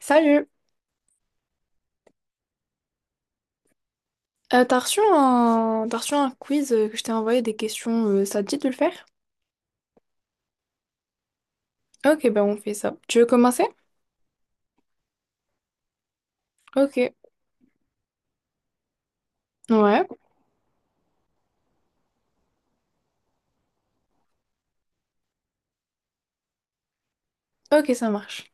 Salut! T'as reçu un quiz que je t'ai envoyé des questions, ça te dit de le faire? Ok, bah on fait ça. Tu veux commencer? Ok. Ouais, ok, ça marche.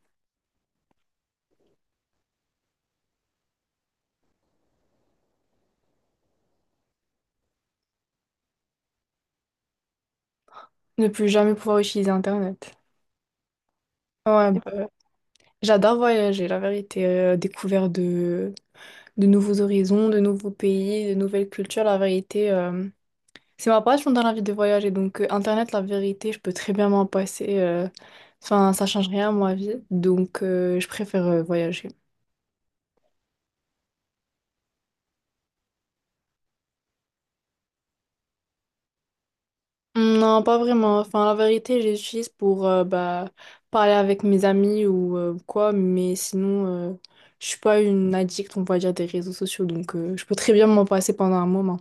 Ne plus jamais pouvoir utiliser Internet. Ouais, bah, j'adore voyager, la vérité. Découvert de nouveaux horizons, de nouveaux pays, de nouvelles cultures, la vérité. C'est ma passion dans la vie de voyager, donc Internet, la vérité, je peux très bien m'en passer. Enfin, ça change rien à ma vie, donc je préfère voyager. Non, pas vraiment. Enfin, la vérité, je l'utilise pour bah, parler avec mes amis ou quoi, mais sinon, je suis pas une addict, on va dire, des réseaux sociaux, donc je peux très bien m'en passer pendant un moment.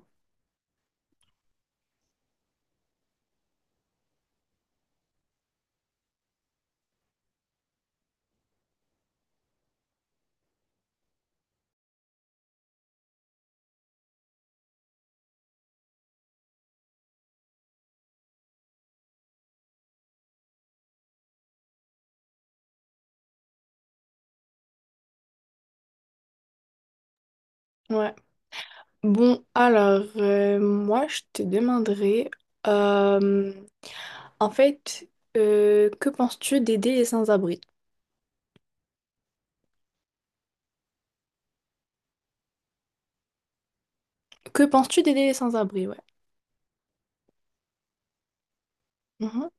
Ouais. Bon, alors, moi, je te demanderais. En fait, que penses-tu d'aider les sans-abri? Que penses-tu d'aider les sans-abri, ouais. Mhm.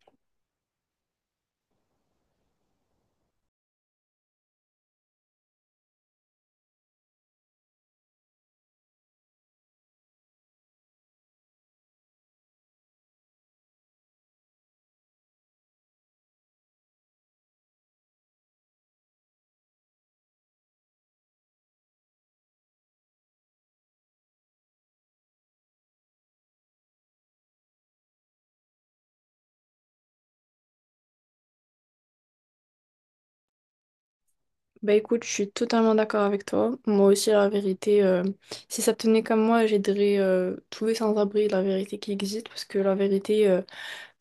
Bah écoute, je suis totalement d'accord avec toi. Moi aussi, la vérité, si ça tenait comme moi, j'aiderais tous les sans-abri, la vérité qui existe, parce que la vérité,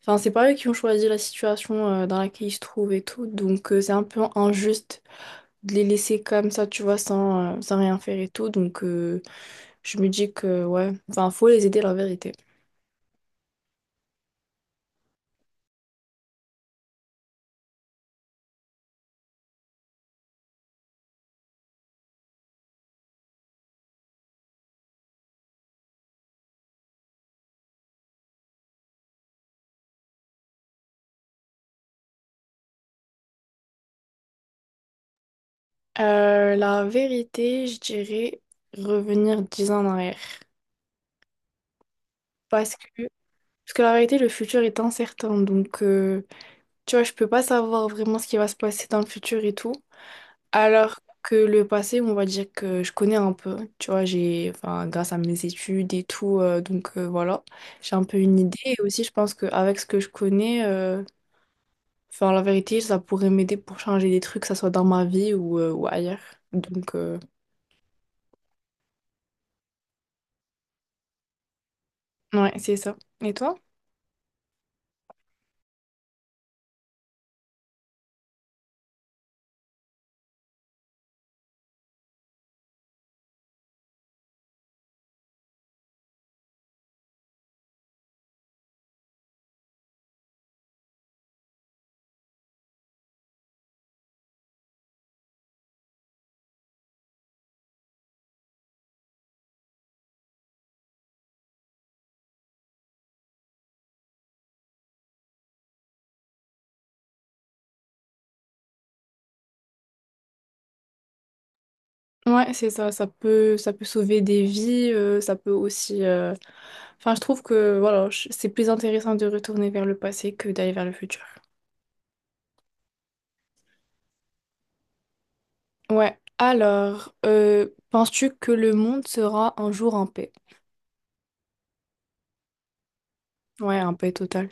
enfin, c'est pas eux qui ont choisi la situation dans laquelle ils se trouvent et tout, donc c'est un peu injuste de les laisser comme ça, tu vois, sans rien faire et tout, donc je me dis que, ouais, enfin, faut les aider, la vérité. La vérité, je dirais revenir 10 ans en arrière. Parce que, parce que la vérité, le futur est incertain. Donc, tu vois, je peux pas savoir vraiment ce qui va se passer dans le futur et tout. Alors que le passé, on va dire que je connais un peu, tu vois, enfin, grâce à mes études et tout, donc voilà, j'ai un peu une idée. Et aussi, je pense qu'avec ce que je connais, enfin, la vérité, ça pourrait m'aider pour changer des trucs, que ça soit dans ma vie ou ailleurs. Donc, ouais, c'est ça. Et toi? Ouais, c'est ça, ça peut sauver des vies, ça peut aussi... Enfin, je trouve que, voilà, c'est plus intéressant de retourner vers le passé que d'aller vers le futur. Ouais, alors, penses-tu que le monde sera un jour en paix? Ouais, en paix totale.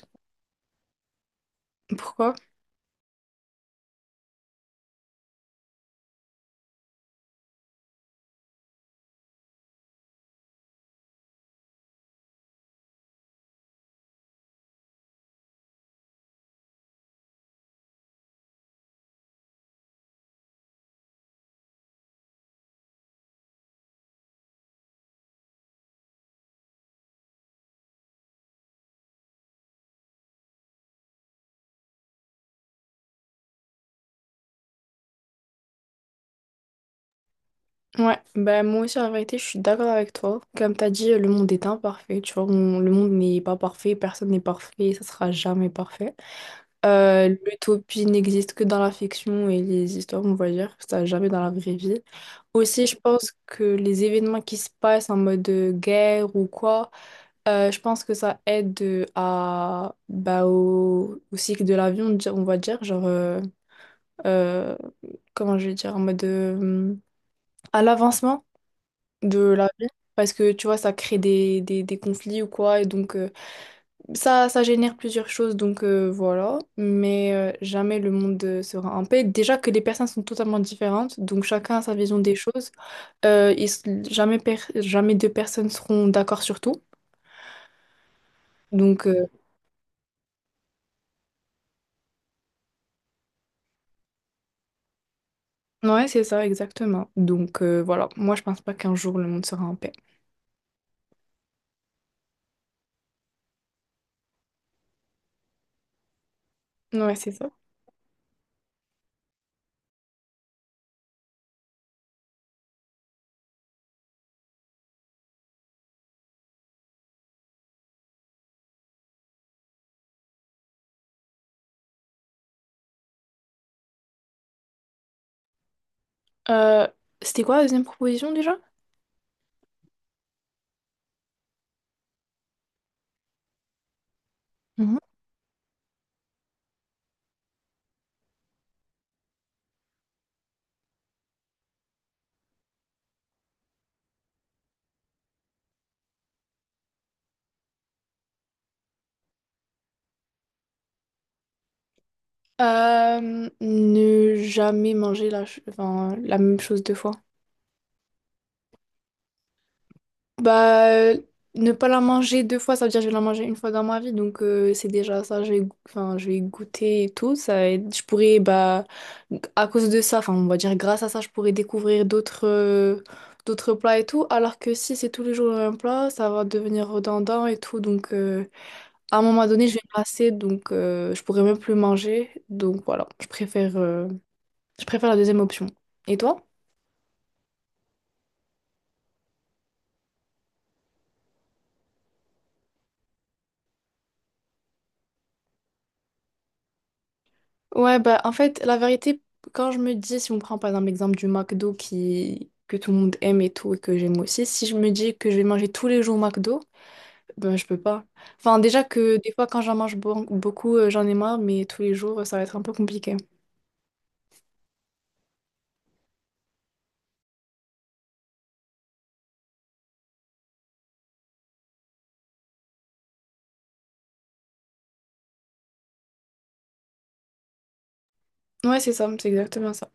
Pourquoi? Ouais, ben moi aussi, en vérité, je suis d'accord avec toi. Comme t'as dit, le monde est imparfait, tu vois, le monde n'est pas parfait, personne n'est parfait, ça sera jamais parfait. L'utopie n'existe que dans la fiction et les histoires, on va dire, ça jamais dans la vraie vie. Aussi, je pense que les événements qui se passent en mode guerre ou quoi, je pense que ça aide à, bah, au cycle de l'avion, on va dire, genre, euh, comment je vais dire, en mode à l'avancement de la vie. Parce que tu vois, ça crée des conflits ou quoi, et donc, ça génère plusieurs choses, donc voilà. Mais jamais le monde sera en paix. Déjà que les personnes sont totalement différentes, donc chacun a sa vision des choses. Ils s- jamais, per- jamais deux personnes seront d'accord sur tout. Donc, ouais, c'est ça, exactement. Donc, voilà. Moi, je pense pas qu'un jour le monde sera en paix. Ouais, c'est ça. Euh, C'était quoi la deuxième proposition déjà? Mhm. Ne jamais manger enfin, la même chose deux fois. Bah, ne pas la manger deux fois, ça veut dire que je vais la manger une fois dans ma vie, donc c'est déjà ça, enfin, je vais goûter et tout, je pourrais, bah, à cause de ça, enfin, on va dire grâce à ça, je pourrais découvrir d'autres plats et tout, alors que si c'est tous les jours le même plat, ça va devenir redondant et tout, donc à un moment donné, je vais me lasser, donc je pourrais même plus manger, donc voilà, je préfère la deuxième option. Et toi? Ouais, bah en fait, la vérité, quand je me dis, si on prend par exemple l'exemple du McDo que tout le monde aime et tout, et que j'aime aussi, si je me dis que je vais manger tous les jours au McDo, ben je peux pas. Enfin, déjà que des fois, quand j'en mange beaucoup, j'en ai marre, mais tous les jours, ça va être un peu compliqué. Ouais, c'est ça, c'est exactement ça.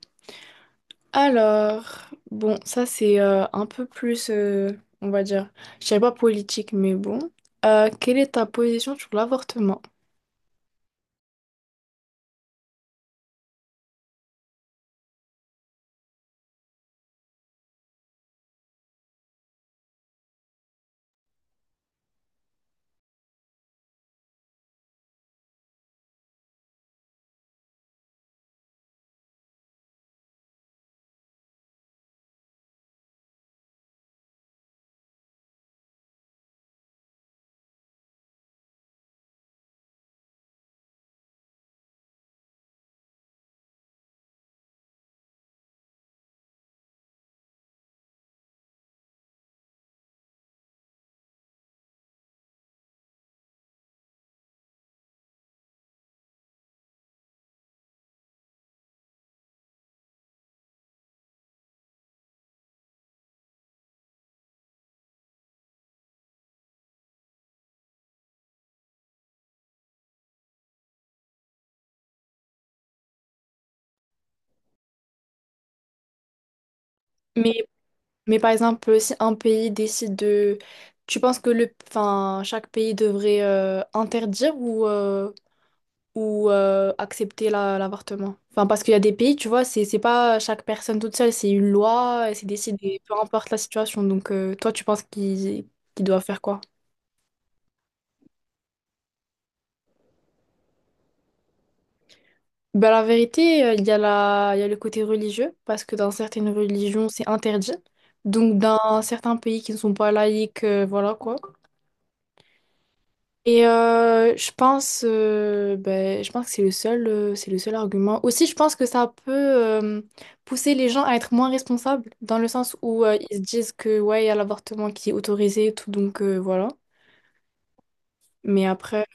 Alors, bon, ça c'est un peu plus, on va dire, je dirais pas politique, mais bon. Quelle est ta position sur l'avortement? Mais par exemple, si un pays décide de... Tu penses que enfin, chaque pays devrait interdire ou accepter l'avortement? Enfin, parce qu'il y a des pays, tu vois, c'est pas chaque personne toute seule, c'est une loi, c'est décidé, peu importe la situation. Donc, toi, tu penses qu'ils doivent faire quoi? Ben, la vérité, il y a le côté religieux, parce que dans certaines religions, c'est interdit. Donc, dans certains pays qui ne sont pas laïques, voilà quoi. Et je pense que c'est le seul argument. Aussi, je pense que ça peut pousser les gens à être moins responsables, dans le sens où ils se disent que ouais, il y a l'avortement qui est autorisé et tout, donc voilà. Mais après,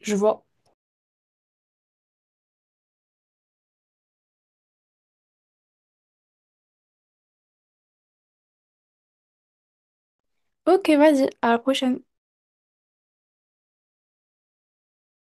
je vois. Ok, vas-y, à la prochaine.